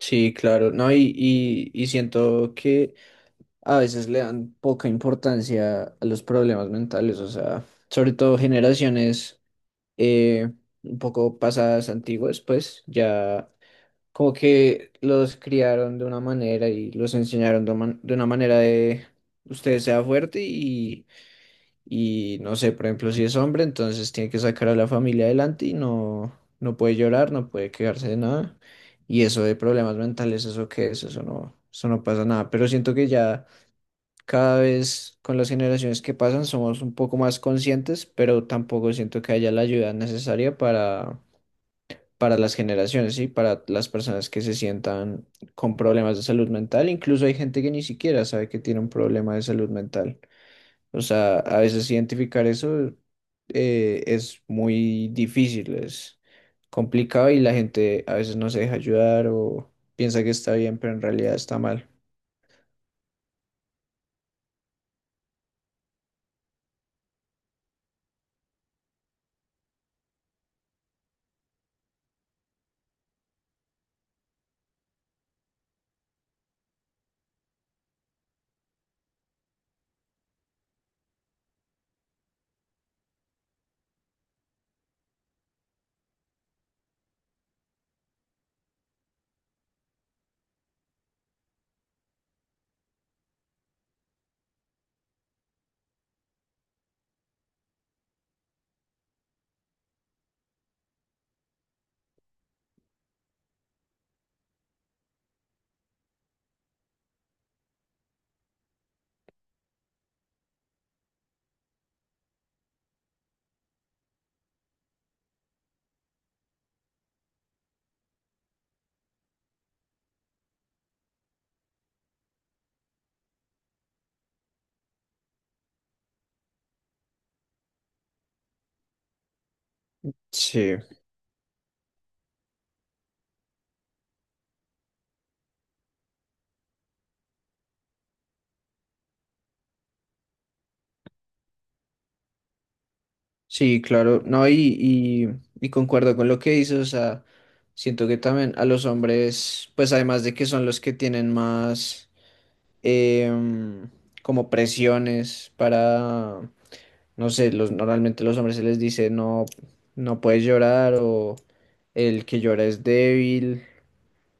Sí, claro, no, y siento que a veces le dan poca importancia a los problemas mentales, o sea, sobre todo generaciones eh, un poco pasadas, antiguas, pues ya como que los criaron de una manera y los enseñaron de una manera de usted sea fuerte y no sé, por ejemplo, si es hombre, entonces tiene que sacar a la familia adelante y no, no puede llorar, no puede quejarse de nada. Y eso de problemas mentales, ¿eso qué es? Eso no pasa nada. Pero siento que ya cada vez con las generaciones que pasan somos un poco más conscientes, pero tampoco siento que haya la ayuda necesaria para las generaciones, y para las personas que se sientan con problemas de salud mental. Incluso hay gente que ni siquiera sabe que tiene un problema de salud mental. O sea, a veces identificar eso es muy difícil, es complicado y la gente a veces no se deja ayudar o piensa que está bien, pero en realidad está mal. Sí, sí, claro, no, y concuerdo con lo que dices, o sea, siento que también a los hombres, pues además de que son los que tienen más em, como presiones para no sé, normalmente los hombres se les dice no, no puedes llorar o el que llora es débil.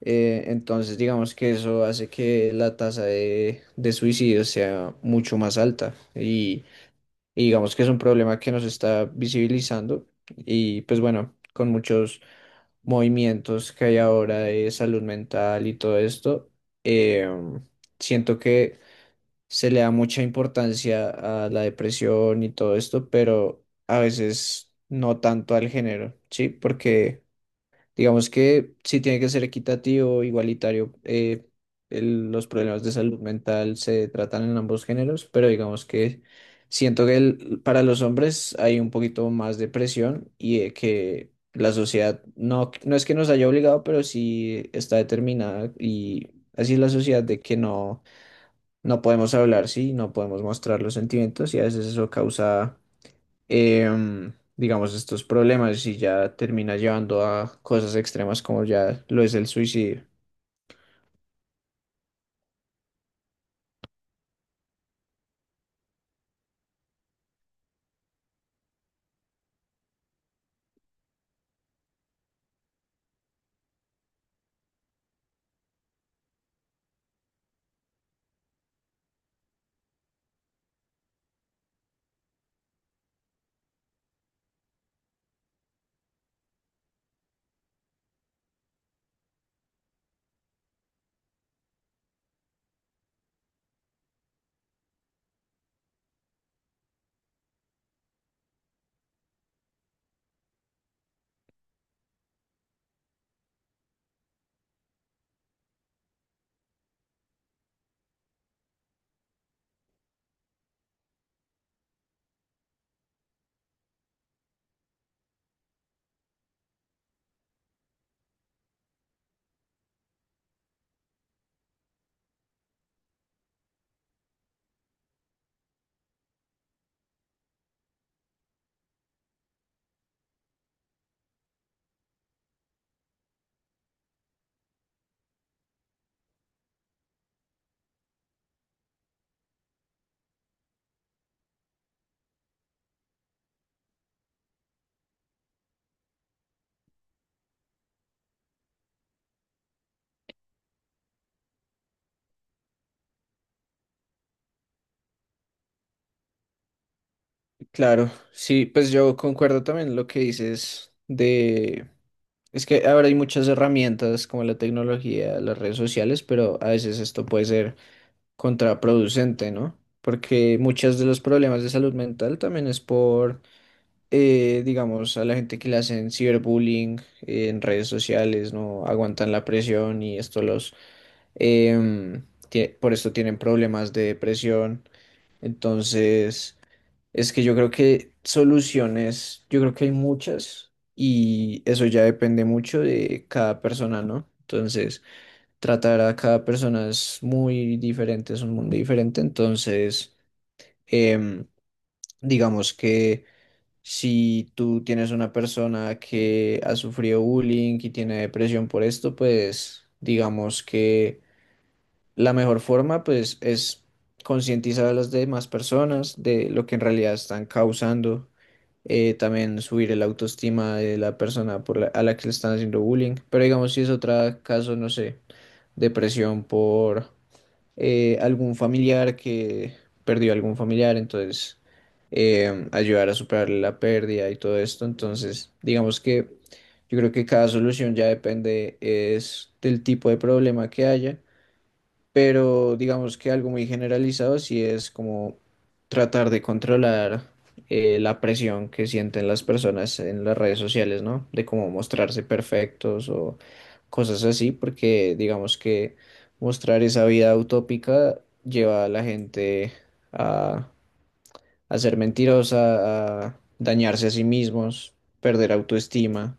Entonces digamos que eso hace que la tasa de suicidio sea mucho más alta y digamos que es un problema que nos está visibilizando y pues bueno, con muchos movimientos que hay ahora de salud mental y todo esto, eh, siento que se le da mucha importancia a la depresión y todo esto, pero a veces no tanto al género, ¿sí? Porque digamos que sí tiene que ser equitativo, igualitario, los problemas de salud mental se tratan en ambos géneros, pero digamos que siento que para los hombres hay un poquito más de presión y de que... La sociedad no, no es que nos haya obligado, pero sí está determinada y así es la sociedad de que no, no podemos hablar, sí, no podemos mostrar los sentimientos y a veces eso causa, digamos, estos problemas y ya termina llevando a cosas extremas como ya lo es el suicidio. Claro, sí, pues yo concuerdo también lo que dices de... Es que ahora hay muchas herramientas como la tecnología, las redes sociales, pero a veces esto puede ser contraproducente, ¿no? Porque muchos de los problemas de salud mental también es por digamos, a la gente que le hacen ciberbullying en redes sociales, no aguantan la presión y esto em, por esto tienen problemas de depresión. Entonces, es que yo creo que soluciones, yo creo que hay muchas y eso ya depende mucho de cada persona, ¿no? Entonces, tratar a cada persona es muy diferente, es un mundo diferente, entonces, em, digamos que si tú tienes una persona que ha sufrido bullying y tiene depresión por esto, pues digamos que la mejor forma pues es concientizar a las demás personas de lo que en realidad están causando, también subir el autoestima de la persona a la que le están haciendo bullying, pero digamos si es otro caso, no sé, depresión por algún familiar que perdió algún familiar, entonces ayudar a superar la pérdida y todo esto. Entonces, digamos que yo creo que cada solución ya depende es del tipo de problema que haya pero digamos que algo muy generalizado sí es como tratar de controlar la presión que sienten las personas en las redes sociales, ¿no? De cómo mostrarse perfectos o cosas así, porque digamos que mostrar esa vida utópica lleva a la gente a, a ser mentirosa, a dañarse a sí mismos, perder autoestima.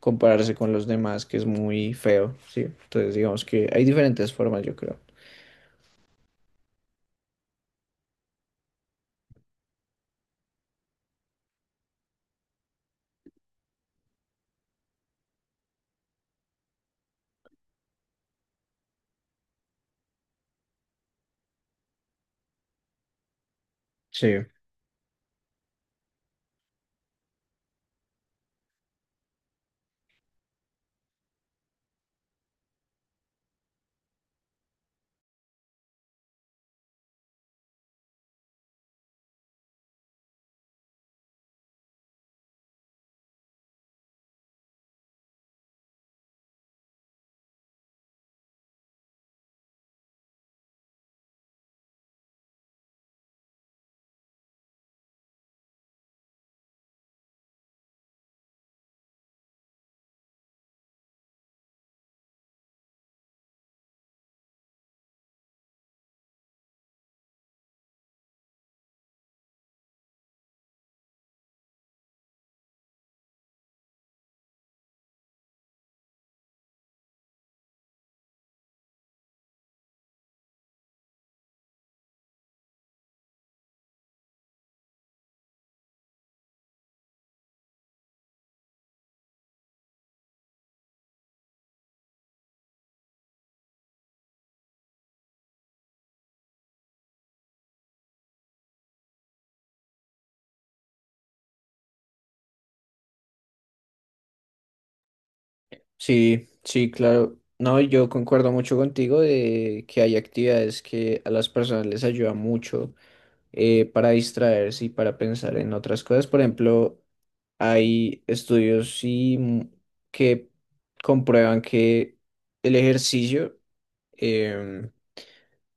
Compararse con los demás, que es muy feo, ¿sí? Entonces digamos que hay diferentes formas, yo creo. Sí. Sí, sí, claro. No, yo concuerdo mucho contigo de que hay actividades que a las personas les ayuda mucho para distraerse y para pensar en otras cosas. Por ejemplo, hay estudios sí, que comprueban que el ejercicio em,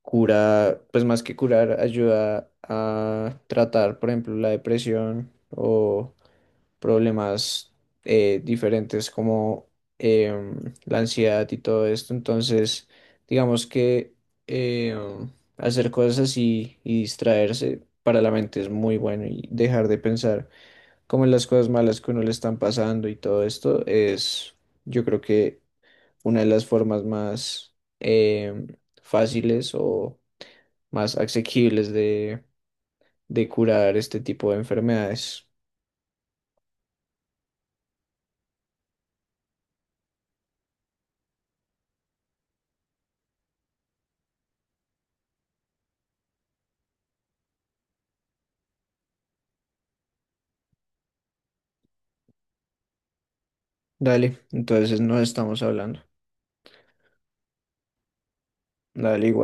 cura, pues más que curar, ayuda a tratar, por ejemplo, la depresión o problemas diferentes como la ansiedad y todo esto. Entonces, digamos que em, hacer cosas así y distraerse para la mente es muy bueno y dejar de pensar como en las cosas malas que uno le están pasando y todo esto es, yo creo que una de las formas más em, fáciles o más asequibles de curar este tipo de enfermedades. Dale, entonces nos estamos hablando. Dale igual.